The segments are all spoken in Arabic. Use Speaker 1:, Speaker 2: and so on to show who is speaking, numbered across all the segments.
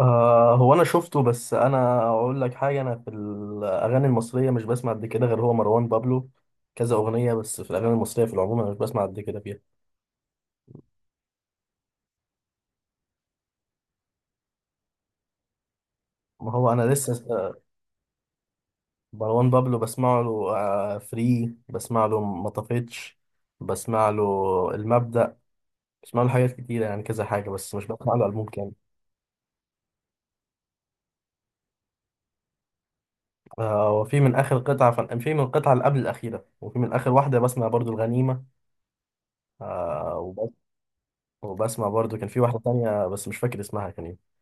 Speaker 1: هو انا شفته، بس انا اقول لك حاجه، انا في الاغاني المصريه مش بسمع قد كده غير هو مروان بابلو كذا اغنيه، بس في الاغاني المصريه في العموم انا مش بسمع قد كده فيها. ما هو انا لسه مروان بابلو بسمع له. فري بسمع له مطفيتش. بسمع له المبدأ. بسمع له حاجات كتيره يعني كذا حاجه، بس مش بسمع له البوم كامل. آه، وفي من اخر في من القطعه اللي قبل الاخيره، وفي من اخر واحده بسمع برضو الغنيمه. آه وبس... وبسمع برضو كان في واحده تانية، بس مش فاكر اسمها كان إيه.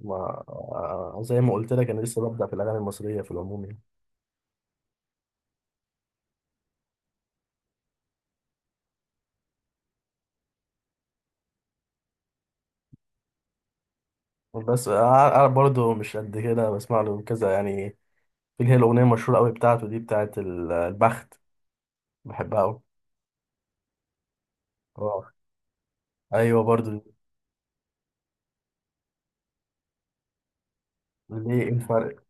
Speaker 1: ما زي ما قلت لك، انا لسه ببدأ في الاغاني المصريه في العموم يعني. بس انا برضو مش قد كده بسمع له كذا يعني. في اللي هي الاغنيه المشهوره قوي بتاعته دي، بتاعت البخت، بحبها قوي. اه، ايوه برضو دي. ليه إيه الفرق؟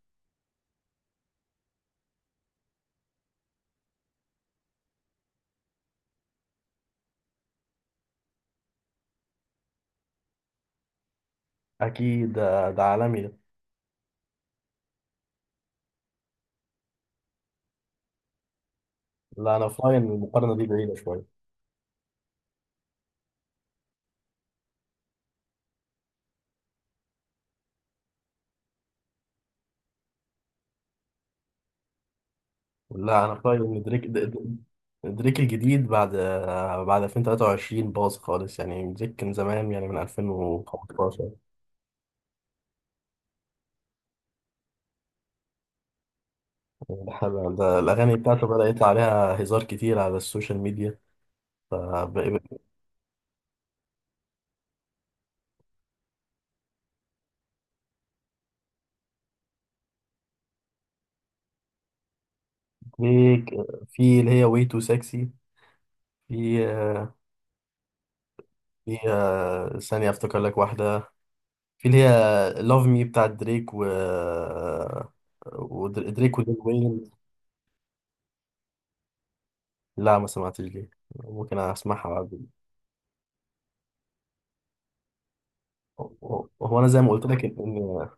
Speaker 1: اكيد ده، ده عالمي ده. لا، انا في رايي ان المقارنه دي بعيده شويه. لا، انا في رايي ان دريك الجديد، بعد 2023 باظ خالص يعني. دريك كان زمان يعني من 2015. الحلقة ده الأغاني بتاعته بدأ يطلع عليها هزار كتير على السوشيال ميديا، فبقى. في في اللي هي واي تو سكسي. في في ثانية أفتكر لك واحدة. في اللي هي لاف مي بتاعت دريك، و ودريك وليل وين. لا، ما سمعتش دي، ممكن أسمعها بعد. هو أنا زي ما قلت لك إن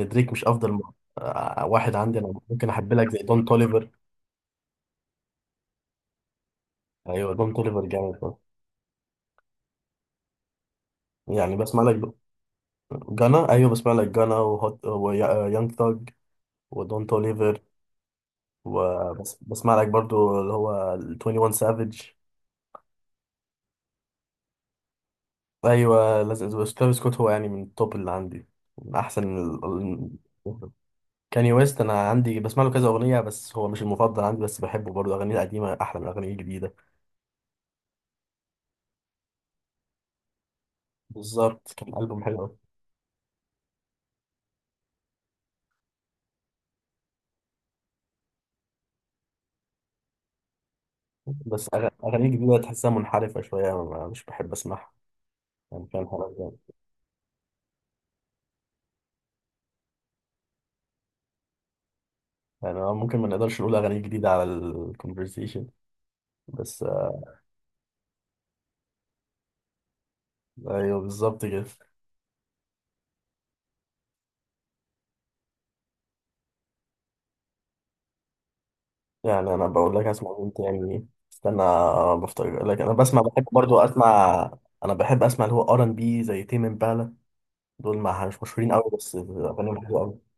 Speaker 1: إن دريك مش واحد عندي أنا، ممكن أحب لك زي دون توليفر. أيوه دون توليفر جامد برضه. يعني بسمع لك جانا. ايوه بسمع لك جانا وهوت ويانج ثاج ودون توليفر. وبسمع لك برضو اللي هو ال 21 سافيج. ايوه لازم ترافيس سكوت هو يعني من التوب اللي عندي، من احسن كاني ويست. انا عندي بسمع له كذا اغنيه، بس هو مش المفضل عندي، بس بحبه برضو. اغانيه القديمه احلى من اغانيه الجديده. بالظبط، كان البوم حلو أوي. بس اغانيه الجديده تحسها منحرفه شويه، مش بحب اسمعها. يعني كان حلو يعني. يعني ممكن ما نقدرش نقول اغانيه جديده على الكونفرسيشن بس. ايوه بالظبط كده. يعني انا بقول لك اسمع مين تاني، استنى بفتكر لك. انا بسمع، بحب برضو اسمع، انا بحب اسمع اللي هو ار ان بي زي تيم امبالا. دول ما مش مشهورين قوي بس اغانيهم حلوه قوي.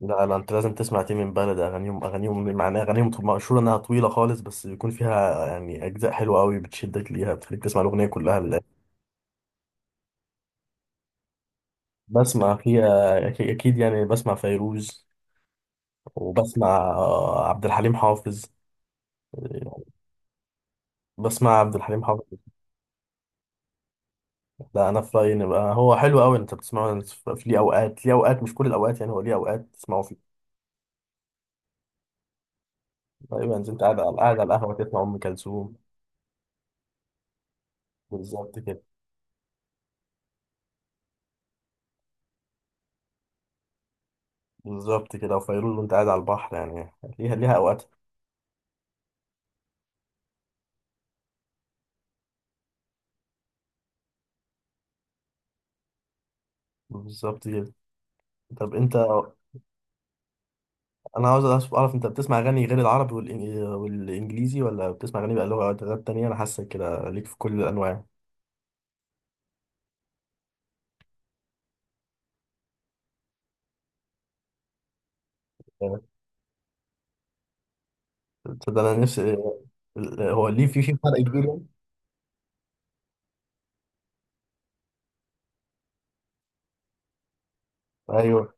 Speaker 1: لا لا، انت لازم تسمع تيم امبالا ده. اغانيهم اغانيهم معناها اغانيهم مشهوره انها طويله خالص، بس بيكون فيها يعني اجزاء حلوه قوي بتشدك ليها، بتخليك تسمع الاغنيه كلها لله. بسمع فيها اكيد يعني، بسمع فيروز، وبسمع عبد الحليم حافظ يعني. بسمع عبد الحليم حافظ. لا انا في رايي ان بقى هو حلو قوي انت بتسمعه في ليه اوقات، ليه اوقات مش كل الاوقات يعني. هو ليه اوقات تسمعه فيه. تقريبا انت قاعد على، قاعد على القهوه تسمع ام كلثوم. بالظبط كده. بالظبط كده، وفيروز وانت قاعد على البحر يعني، ليها ليها اوقات. بالظبط كده. طب انت، انا عاوز اعرف، انت بتسمع اغاني غير العربي والانجليزي، ولا بتسمع اغاني بقى لغات لغات تانية؟ انا حاسس كده ليك في كل الانواع. تصدق انا نفسي. هو ليه في فرق كبير يعني؟ ايوه،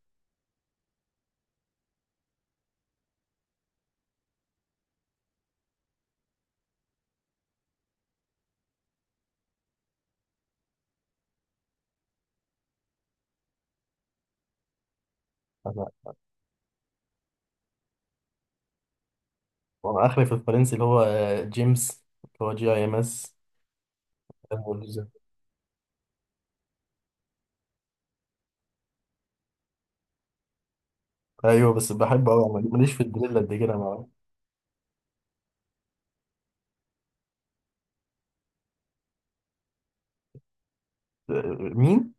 Speaker 1: وانا اخري في الفرنسي اللي هو جيمس، اللي هو جي اي ام اس. ايوه بس بحبه قوي، ماليش في الدريل قد كده مع. آه، مين؟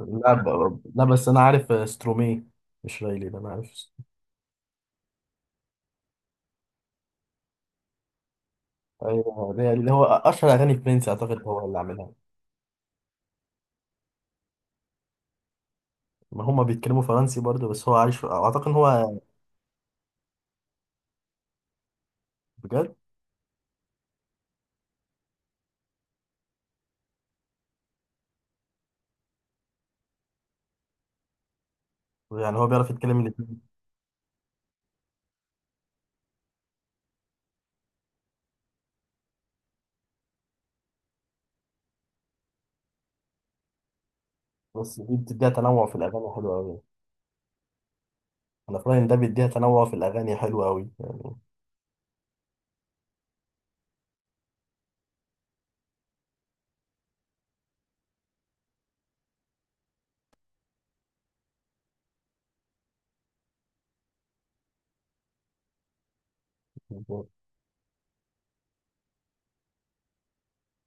Speaker 1: لا بس انا عارف سترومي، مش رايلي. ده انا عارف. ايوه ده اللي هو اشهر اغاني فرنسي، اعتقد هو اللي عاملها. ما هم بيتكلموا فرنسي برضه، بس هو عايش في... اعتقد ان هو، بجد يعني، هو بيعرف يتكلم الاتنين. بس دي بتديها تنوع في الاغاني حلو قوي. انا في رايي ان ده بيديها تنوع في الاغاني حلو قوي يعني.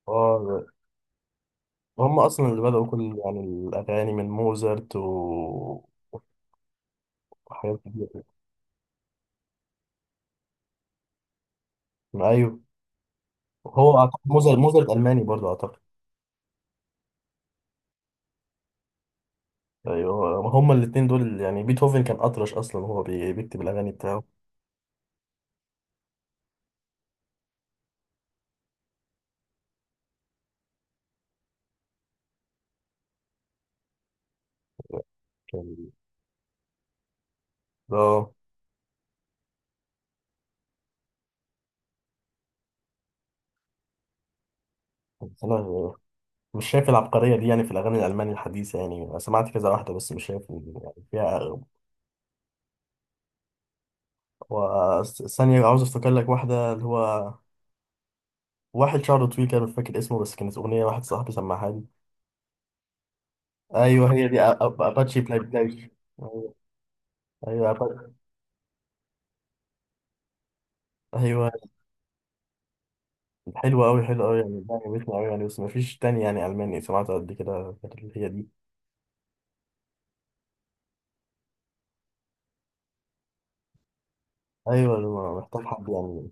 Speaker 1: اه، هم اصلا اللي بدأوا كل يعني الاغاني، من موزارت وحاجات كتير. ايوه هو اعتقد موزارت الماني برضه اعتقد. ايوه هم الاثنين دول يعني. بيتهوفن كان اطرش اصلا وهو بيكتب الاغاني بتاعه. كان، اه بس انا مش شايف العبقريه دي يعني في الاغاني الالماني الحديثه يعني. انا سمعت كذا واحده بس مش شايف إن يعني فيها. ثانيه عاوز افتكر لك واحده، اللي هو واحد شعره طويل كده مش فاكر اسمه، بس كانت اغنيه واحد صاحبي سمعها لي. ايوه هي دي، اباتشي، بلاي بلاي. ايوه أعتقد. ايوه حلوه قوي، حلوه قوي يعني. ده عجبتني قوي يعني، بس مفيش تاني يعني الماني سمعته قد كده غير اللي هي دي. ايوه أنا محتاج حد يعني.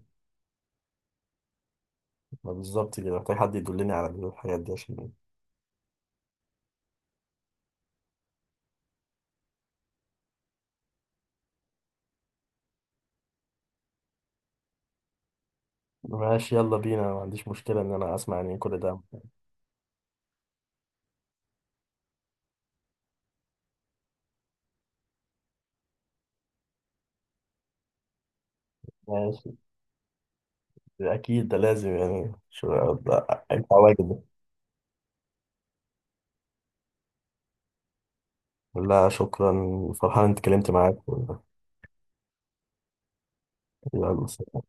Speaker 1: ما بالظبط كده، محتاج حد يدلني على الحاجات دي عشان. ماشي، يلا بينا، ما عنديش مشكله ان انا اسمع يعني كل ده. ماشي. اكيد ده لازم يعني، انت واجب. لا شكرا، فرحان انت اتكلمت معاك. يلا سلام.